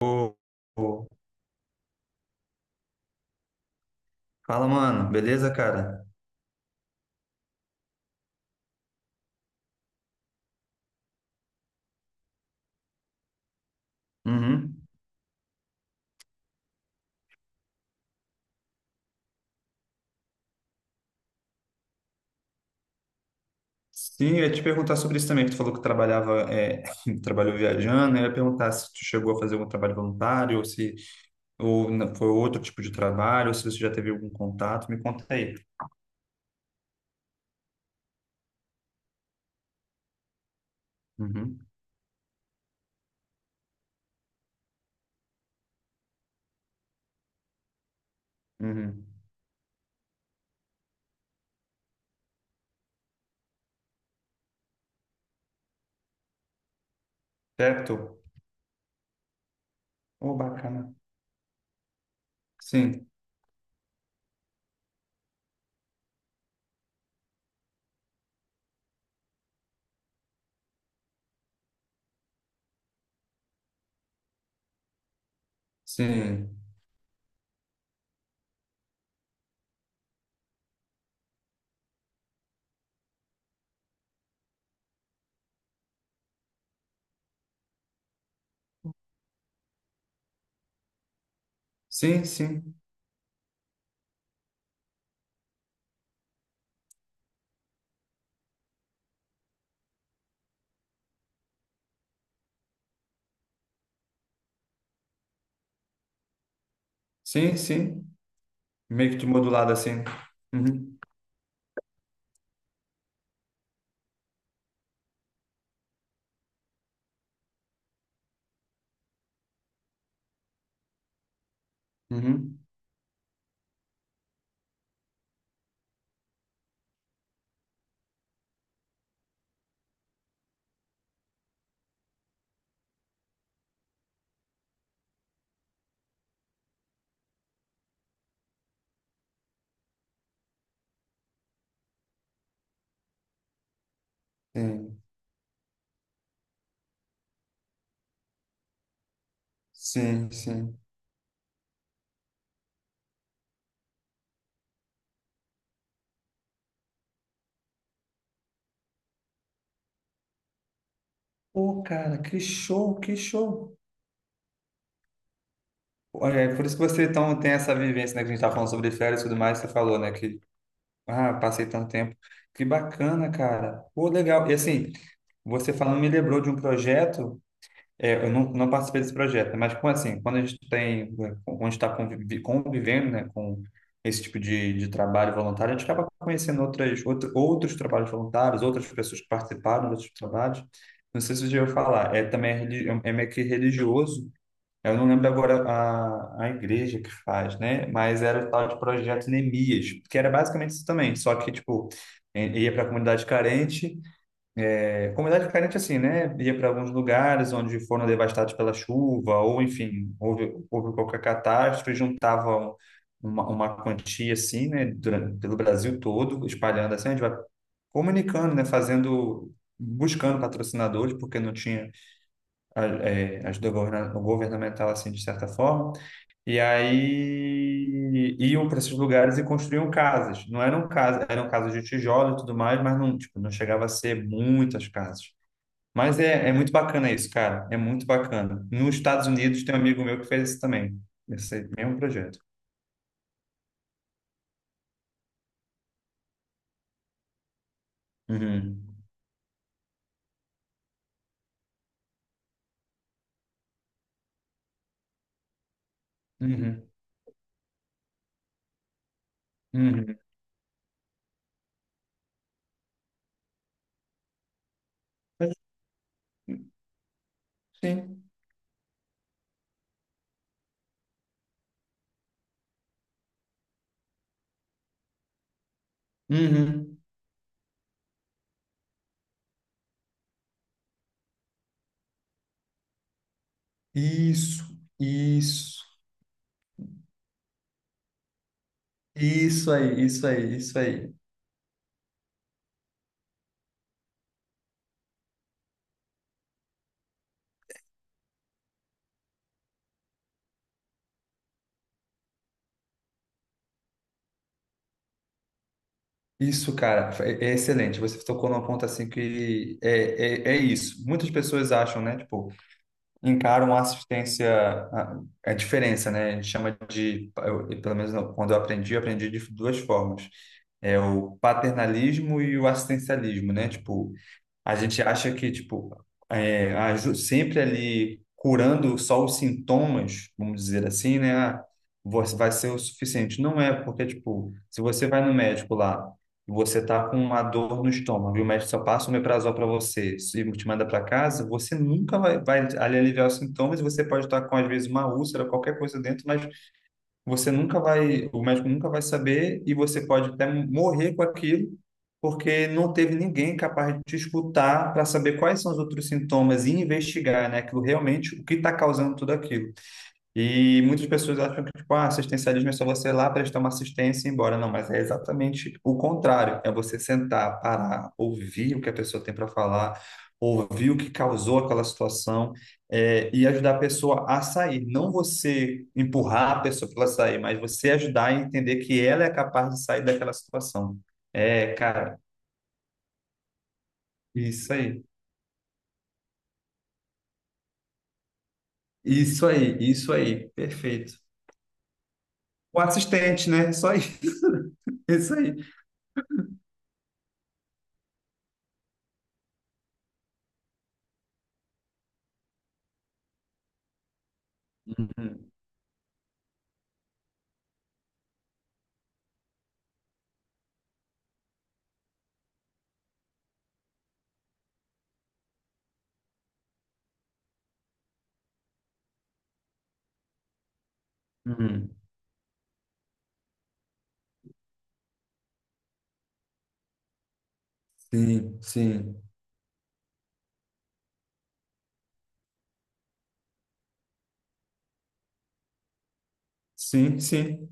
Ô, ô. Fala, mano. Beleza, cara? Uhum. Sim, eu ia te perguntar sobre isso também, que tu falou que trabalhava, trabalhou viajando, eu ia perguntar se tu chegou a fazer algum trabalho voluntário, ou se ou foi outro tipo de trabalho, ou se você já teve algum contato, me conta aí. Uhum. Uhum. Certo? Ô, bacana. Sim, sim, sim, sim, sim, sim. Meio que de modulado assim. Uhum. Uhum. Sim, sim, sim. Ô, cara, que show, que show. Olha, é por isso que você então tem essa vivência, né, que a gente tá falando sobre férias e tudo mais, você falou, né, que, ah, passei tanto tempo. Que bacana, cara. Pô, legal. E assim, você falando me lembrou de um projeto, eu não participei desse projeto, né, mas como assim, quando a gente tem, quando a gente está convivendo, né, com esse tipo de trabalho voluntário, a gente acaba conhecendo outras, outro, outros trabalhos voluntários, outras pessoas que participaram de outros trabalhos. Não sei se você já ouviu falar, também é meio que religioso, eu não lembro agora a igreja que faz, né? Mas era o tal de Projeto Neemias, que era basicamente isso também, só que, tipo, ia para a comunidade carente, comunidade carente assim, né? Ia para alguns lugares onde foram devastados pela chuva, ou enfim, houve qualquer catástrofe, juntavam uma quantia assim, né? Durante, pelo Brasil todo, espalhando assim, a gente vai comunicando, né? Fazendo, buscando patrocinadores, porque não tinha governamental assim, de certa forma. E aí iam para esses lugares e construíam casas. Não eram casas, eram casas de tijolo e tudo mais, mas não, tipo, não chegava a ser muitas casas. Mas é muito bacana isso, cara. É muito bacana. Nos Estados Unidos tem um amigo meu que fez isso também. Esse mesmo projeto. Uhum. Uhum. Uhum. Mas, Sim. Uhum. Isso, isso, isso aí, isso aí, isso aí. Isso, cara, é excelente. Você tocou num ponto assim que é isso. Muitas pessoas acham, né? Tipo, encaram a assistência, a, a diferença, né? A gente chama de, pelo menos quando eu aprendi de duas formas. É o paternalismo e o assistencialismo, né? Tipo, a gente acha que, tipo, sempre ali curando só os sintomas, vamos dizer assim, né? Ah, você vai ser o suficiente. Não é, porque, tipo, se você vai no médico lá e você tá com uma dor no estômago e o médico só passa um omeprazol para você e te manda para casa, você nunca vai, vai ali aliviar os sintomas e você pode estar com, às vezes, uma úlcera, qualquer coisa dentro, mas você nunca vai, o médico nunca vai saber e você pode até morrer com aquilo, porque não teve ninguém capaz de te escutar para saber quais são os outros sintomas e investigar, né, aquilo realmente, o que está causando tudo aquilo. E muitas pessoas acham que, tipo, ah, assistencialismo é só você ir lá prestar uma assistência e ir embora. Não, mas é exatamente o contrário. É você sentar, parar, ouvir o que a pessoa tem para falar, ouvir o que causou aquela situação, e ajudar a pessoa a sair. Não você empurrar a pessoa para ela sair, mas você ajudar a entender que ela é capaz de sair daquela situação. É, cara, isso aí. Isso aí, isso aí. Perfeito. O assistente, né? Só isso. Isso aí. Uhum, uhum. Sim, sim, sim, sim.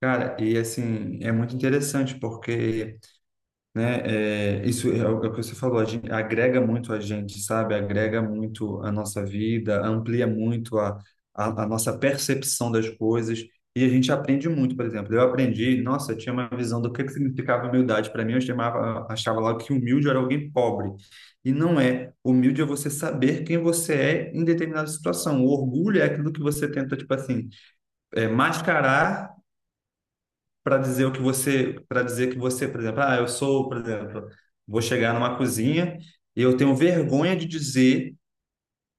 Cara, e assim, é muito interessante porque, né, isso é o é o que você falou, a gente, agrega muito a gente, sabe? Agrega muito a nossa vida, amplia muito a nossa percepção das coisas e a gente aprende muito, por exemplo. Eu aprendi, nossa, eu tinha uma visão do que significava humildade para mim, eu chamava, achava lá que humilde era alguém pobre. E não é. Humilde é você saber quem você é em determinada situação. O orgulho é aquilo que você tenta, tipo assim, mascarar para dizer o que você, para dizer que você, por exemplo, ah, eu sou, por exemplo, vou chegar numa cozinha e eu tenho vergonha de dizer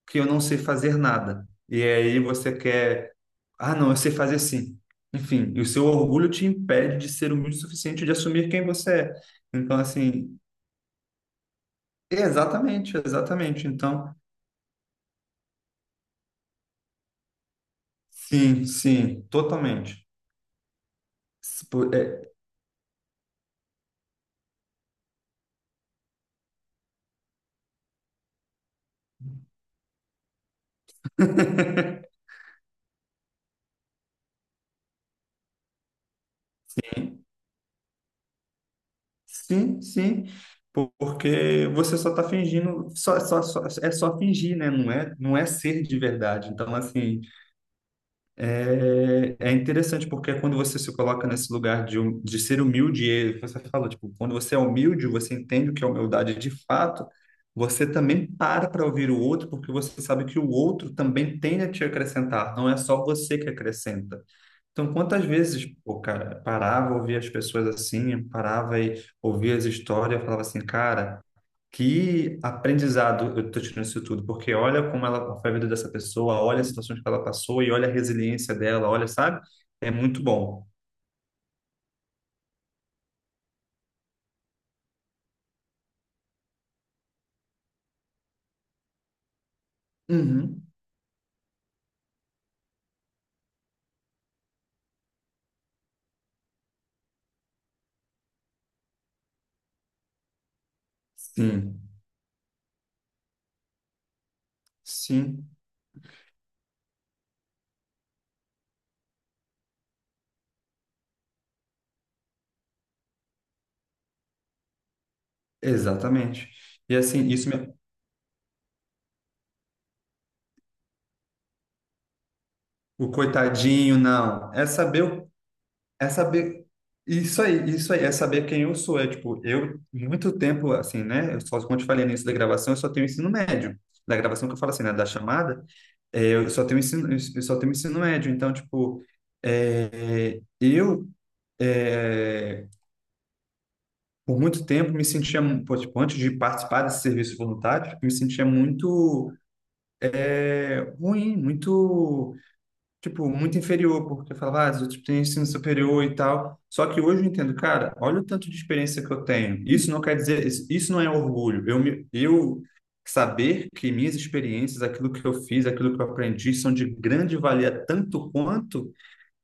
que eu não sei fazer nada. E aí você quer, ah, não, eu sei fazer sim. Enfim, e o seu orgulho te impede de ser humilde o suficiente de assumir quem você é. Então, assim, exatamente, exatamente. Então, sim, sim, totalmente. Se pu- É. Sim, sim, porque você só está fingindo, é só fingir, né? Não é ser de verdade. Então, assim, é interessante, porque é quando você se coloca nesse lugar de ser humilde, e você fala, tipo, quando você é humilde, você entende o que é humildade de fato, você também para para ouvir o outro, porque você sabe que o outro também tem a te acrescentar, não é só você que acrescenta. Então, quantas vezes, pô, cara, parava, ouvia as pessoas assim, parava e ouvia as histórias, falava assim, cara, que aprendizado eu tô tirando isso tudo, porque olha como ela foi a vida dessa pessoa, olha as situações que ela passou e olha a resiliência dela, olha, sabe? É muito bom. Uhum. Sim, sim, exatamente. E assim, isso me... o coitadinho, não. É saber o É saber. Isso aí, é saber quem eu sou. É tipo, eu, muito tempo, assim, né? Eu só, como eu te falei no início da gravação, eu só tenho ensino médio. Da gravação que eu falo assim, né? Da chamada, eu só tenho ensino, eu só tenho ensino médio. Então, tipo, é, eu, é, por muito tempo, me sentia, pô, tipo, antes de participar desse serviço voluntário, me sentia muito ruim, muito. Tipo, muito inferior, porque eu falava, ah, os outros têm ensino superior e tal. Só que hoje eu entendo, cara, olha o tanto de experiência que eu tenho. Isso não quer dizer, isso não é orgulho. Eu saber que minhas experiências, aquilo que eu fiz, aquilo que eu aprendi, são de grande valia tanto quanto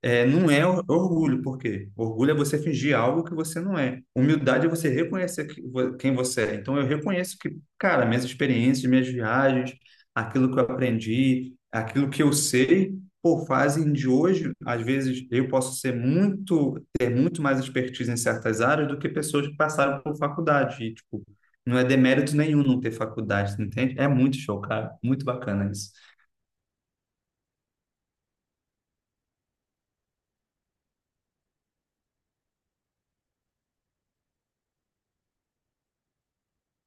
não é orgulho, por quê? Orgulho é você fingir algo que você não é. Humildade é você reconhecer que quem você é. Então, eu reconheço que, cara, minhas experiências, minhas viagens, aquilo que eu aprendi, aquilo que eu sei, por fazem de hoje, às vezes, eu posso ser muito, ter muito mais expertise em certas áreas do que pessoas que passaram por faculdade. E, tipo, não é demérito nenhum não ter faculdade, entende? É muito show, cara. Muito bacana isso.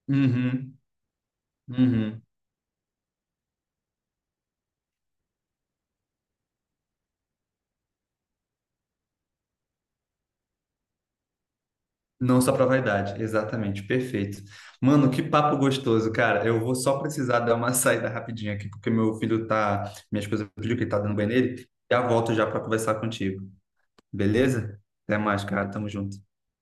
Uhum, uhum. Não só para vaidade, exatamente, perfeito. Mano, que papo gostoso, cara. Eu vou só precisar dar uma saída rapidinha aqui, porque meu filho tá, minha esposa pediu que ele tá dando banho nele, já volto já para conversar contigo. Beleza? Até mais, cara. Tamo junto.